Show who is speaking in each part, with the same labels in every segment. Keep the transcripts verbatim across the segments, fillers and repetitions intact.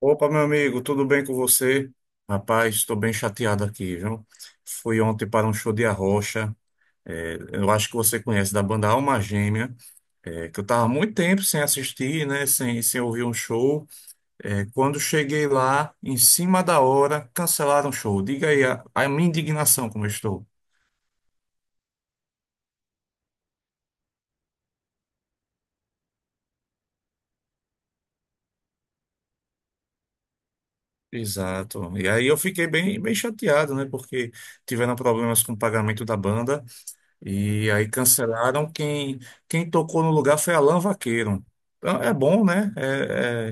Speaker 1: Opa, meu amigo, tudo bem com você? Rapaz, estou bem chateado aqui, viu? Fui ontem para um show de Arrocha, é, eu acho que você conhece, da banda Alma Gêmea, é, que eu estava muito tempo sem assistir, né, sem, sem ouvir um show. É, quando cheguei lá, em cima da hora, cancelaram o show. Diga aí a, a minha indignação como eu estou. Exato. E aí eu fiquei bem, bem chateado, né, porque tiveram problemas com o pagamento da banda. E aí cancelaram. Quem, quem tocou no lugar foi Alan Vaqueiro. Então, é bom, né? É,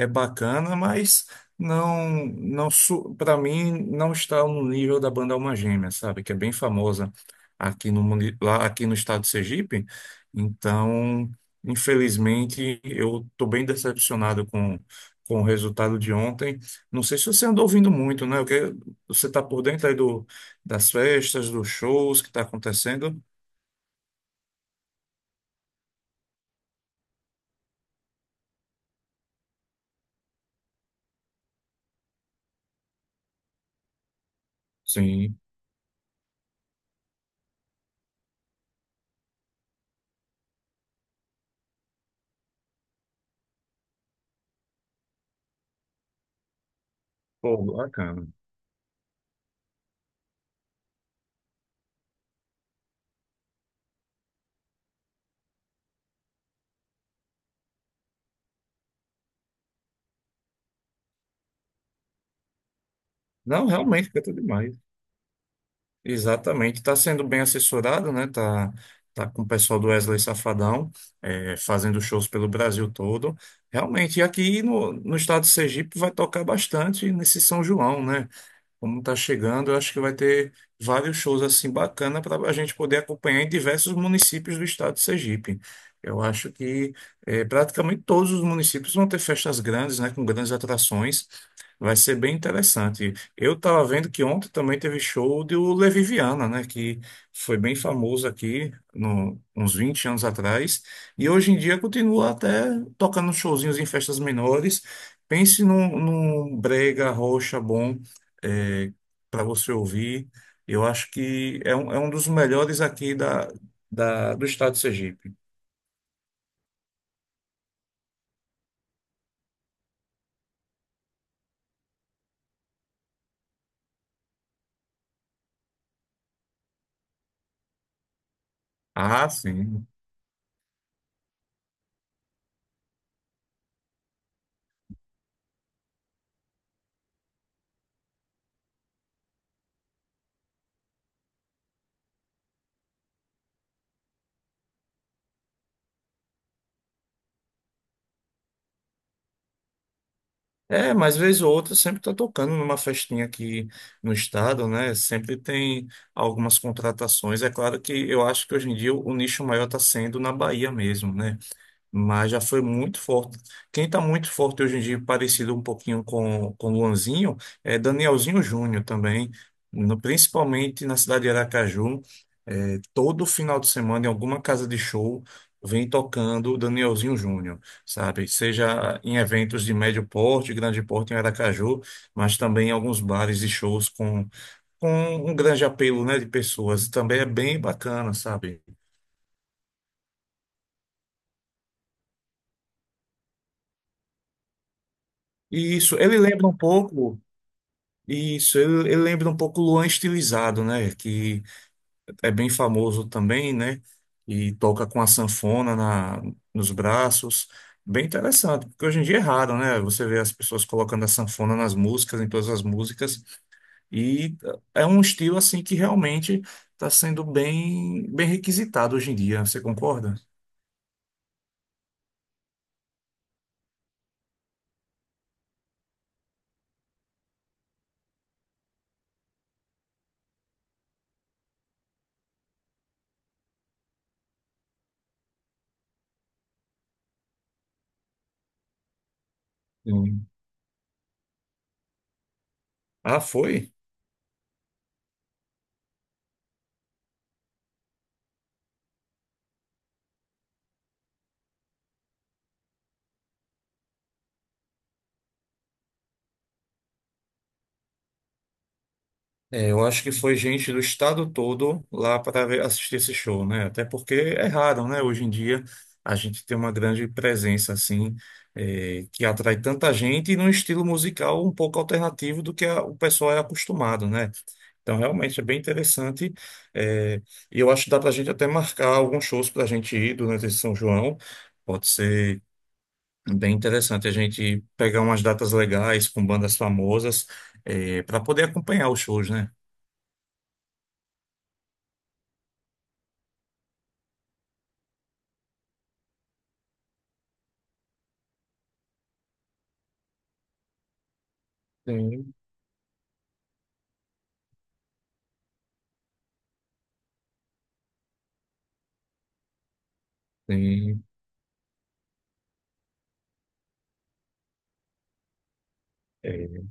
Speaker 1: é, é bacana, mas não, não para mim não está no nível da banda Alma Gêmea, sabe? Que é bem famosa aqui no, muni- lá, aqui no estado de Sergipe. Então, infelizmente, eu estou bem decepcionado com, com o resultado de ontem. Não sei se você andou ouvindo muito, né? O que- Você está por dentro aí do, das festas, dos shows que está acontecendo. Sim, pô, bacana. Não, realmente canta demais. Exatamente, está sendo bem assessorado, né? Tá, tá com o pessoal do Wesley Safadão, é, fazendo shows pelo Brasil todo. Realmente, e aqui no, no estado de Sergipe vai tocar bastante nesse São João, né? Como está chegando, eu acho que vai ter vários shows assim bacana para a gente poder acompanhar em diversos municípios do estado de Sergipe. Eu acho que eh, praticamente todos os municípios vão ter festas grandes, né, com grandes atrações. Vai ser bem interessante. Eu estava vendo que ontem também teve show do Levi Viana, né, que foi bem famoso aqui no, uns vinte anos atrás, e hoje em dia continua até tocando showzinhos em festas menores. Pense num, num brega, rocha bom para você ouvir. Eu acho que é um, é um dos melhores aqui da, da- do estado de Sergipe. Ah, sim. É, mas vez ou outra sempre está tocando numa festinha aqui no estado, né? Sempre tem algumas contratações. É claro que eu acho que hoje em dia o nicho maior está sendo na Bahia mesmo, né? Mas já foi muito forte. Quem está muito forte hoje em dia, parecido um pouquinho com, com Luanzinho, é Danielzinho Júnior também, no- principalmente na cidade de Aracaju. Todo final de semana em alguma casa de show vem tocando Danielzinho Júnior, sabe? Seja em eventos de médio porte, grande porte em Aracaju, mas também em alguns bares e shows com, com um grande apelo, né, de pessoas. Também é bem bacana, sabe? E isso, ele lembra um pouco, isso, ele, ele lembra um pouco o Luan estilizado, né? Que é bem famoso também, né? E toca com a sanfona na, nos braços. Bem interessante, porque hoje em dia é raro, né? Você vê as pessoas colocando a sanfona nas músicas, em todas as músicas, e eh, é um estilo assim que realmente está sendo bem, bem requisitado hoje em dia. Você concorda? Sim. Ah, foi? É, eu acho que foi gente do estado todo lá para ver- assistir esse show, né? Até porque é raro, né? Hoje em dia a gente tem uma grande presença assim, é, que atrai tanta gente e num estilo musical um pouco alternativo do que a- o pessoal é acostumado, né? Então realmente é bem interessante. é, e eu acho que dá para a gente até marcar alguns shows para a gente ir durante esse São João. Pode ser bem interessante a gente pegar umas datas legais com bandas famosas, para poder acompanhar os shows, né? Sim, sim. É,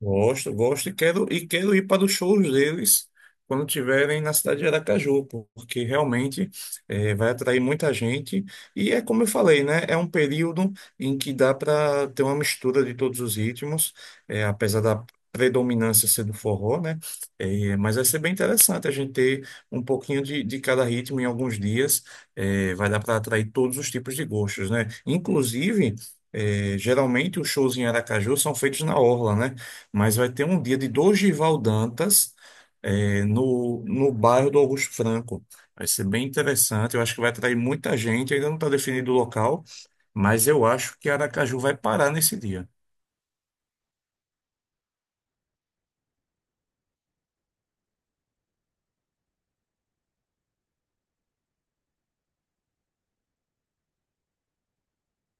Speaker 1: gosto, gosto e quero, e quero ir para os shows deles quando tiverem na cidade de Aracaju, porque realmente eh, vai atrair muita gente. E é como eu falei, né? É um período em que dá para ter uma mistura de todos os ritmos, eh, apesar da predominância ser do forró, né? Eh, mas vai ser bem interessante a gente ter um pouquinho de, de cada ritmo em alguns dias. Eh, vai dar para atrair todos os tipos de gostos, né? Inclusive. eh, geralmente os shows em Aracaju são feitos na orla, né? Mas vai ter um dia de Dorival Dantas é, no, no bairro do Augusto Franco. Vai ser bem interessante, eu acho que vai atrair muita gente, ainda não está definido o local, mas eu acho que Aracaju vai parar nesse dia.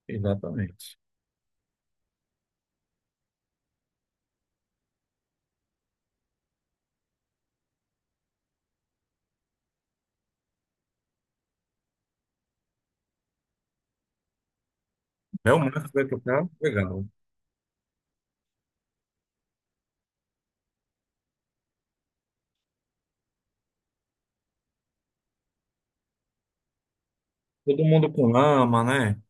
Speaker 1: Exatamente. Belmarco vai tocar, legal. Todo mundo com lama, né?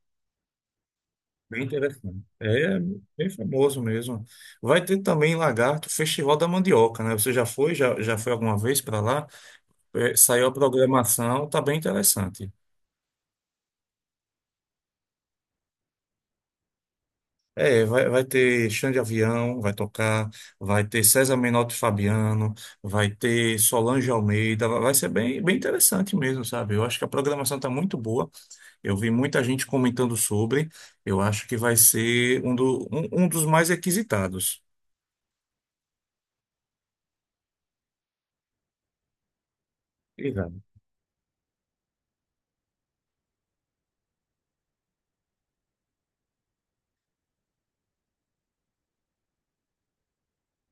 Speaker 1: Bem interessante. É, é bem famoso mesmo. Vai ter também em Lagarto, Festival da Mandioca, né? Você já foi? Já, já foi alguma vez para lá? É, saiu a programação, tá bem interessante. É, vai, vai ter Xande Avião, vai tocar, vai ter César Menotti e Fabiano, vai ter Solange Almeida, vai vai ser bem, bem interessante mesmo, sabe? Eu acho que a programação está muito boa, eu vi muita gente comentando sobre, eu acho que vai ser um, do, um, um dos mais requisitados. Exato.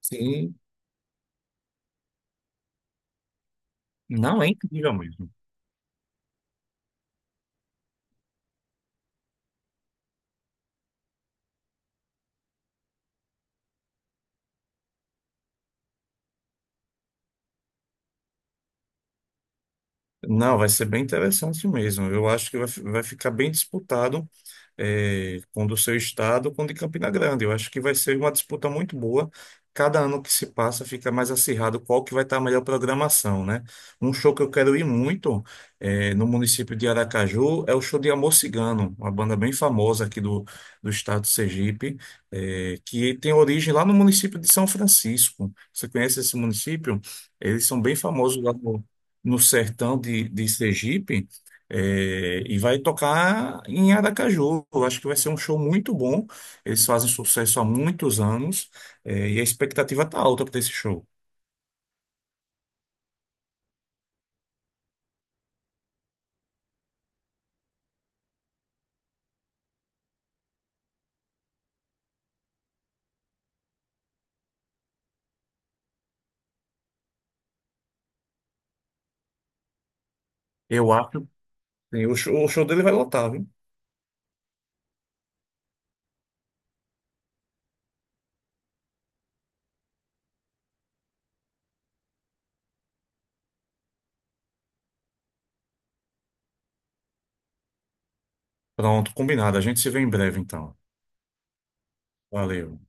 Speaker 1: Sim, não é incrível mesmo. Não, vai ser bem interessante mesmo, eu acho que vai, fi- vai ficar bem disputado eh, com o do seu estado, com o de Campina Grande. Eu acho que vai ser uma disputa muito boa. Cada ano que se passa fica mais acirrado qual que vai estar a melhor programação, né? Um show que eu quero ir muito eh, no município de Aracaju é o show de Amor Cigano, uma banda bem famosa aqui do, do estado de Sergipe, eh, que tem origem lá no município de São Francisco. Você conhece esse município? Eles são bem famosos lá no, no sertão de, de Sergipe. É, e vai tocar em Aracaju. Eu acho que vai ser um show muito bom. Eles fazem sucesso há muitos anos, é, e a expectativa tá alta para esse show. Eu acho que o show, o show dele vai lotar, viu? Pronto, combinado. A gente se vê em breve, então. Valeu.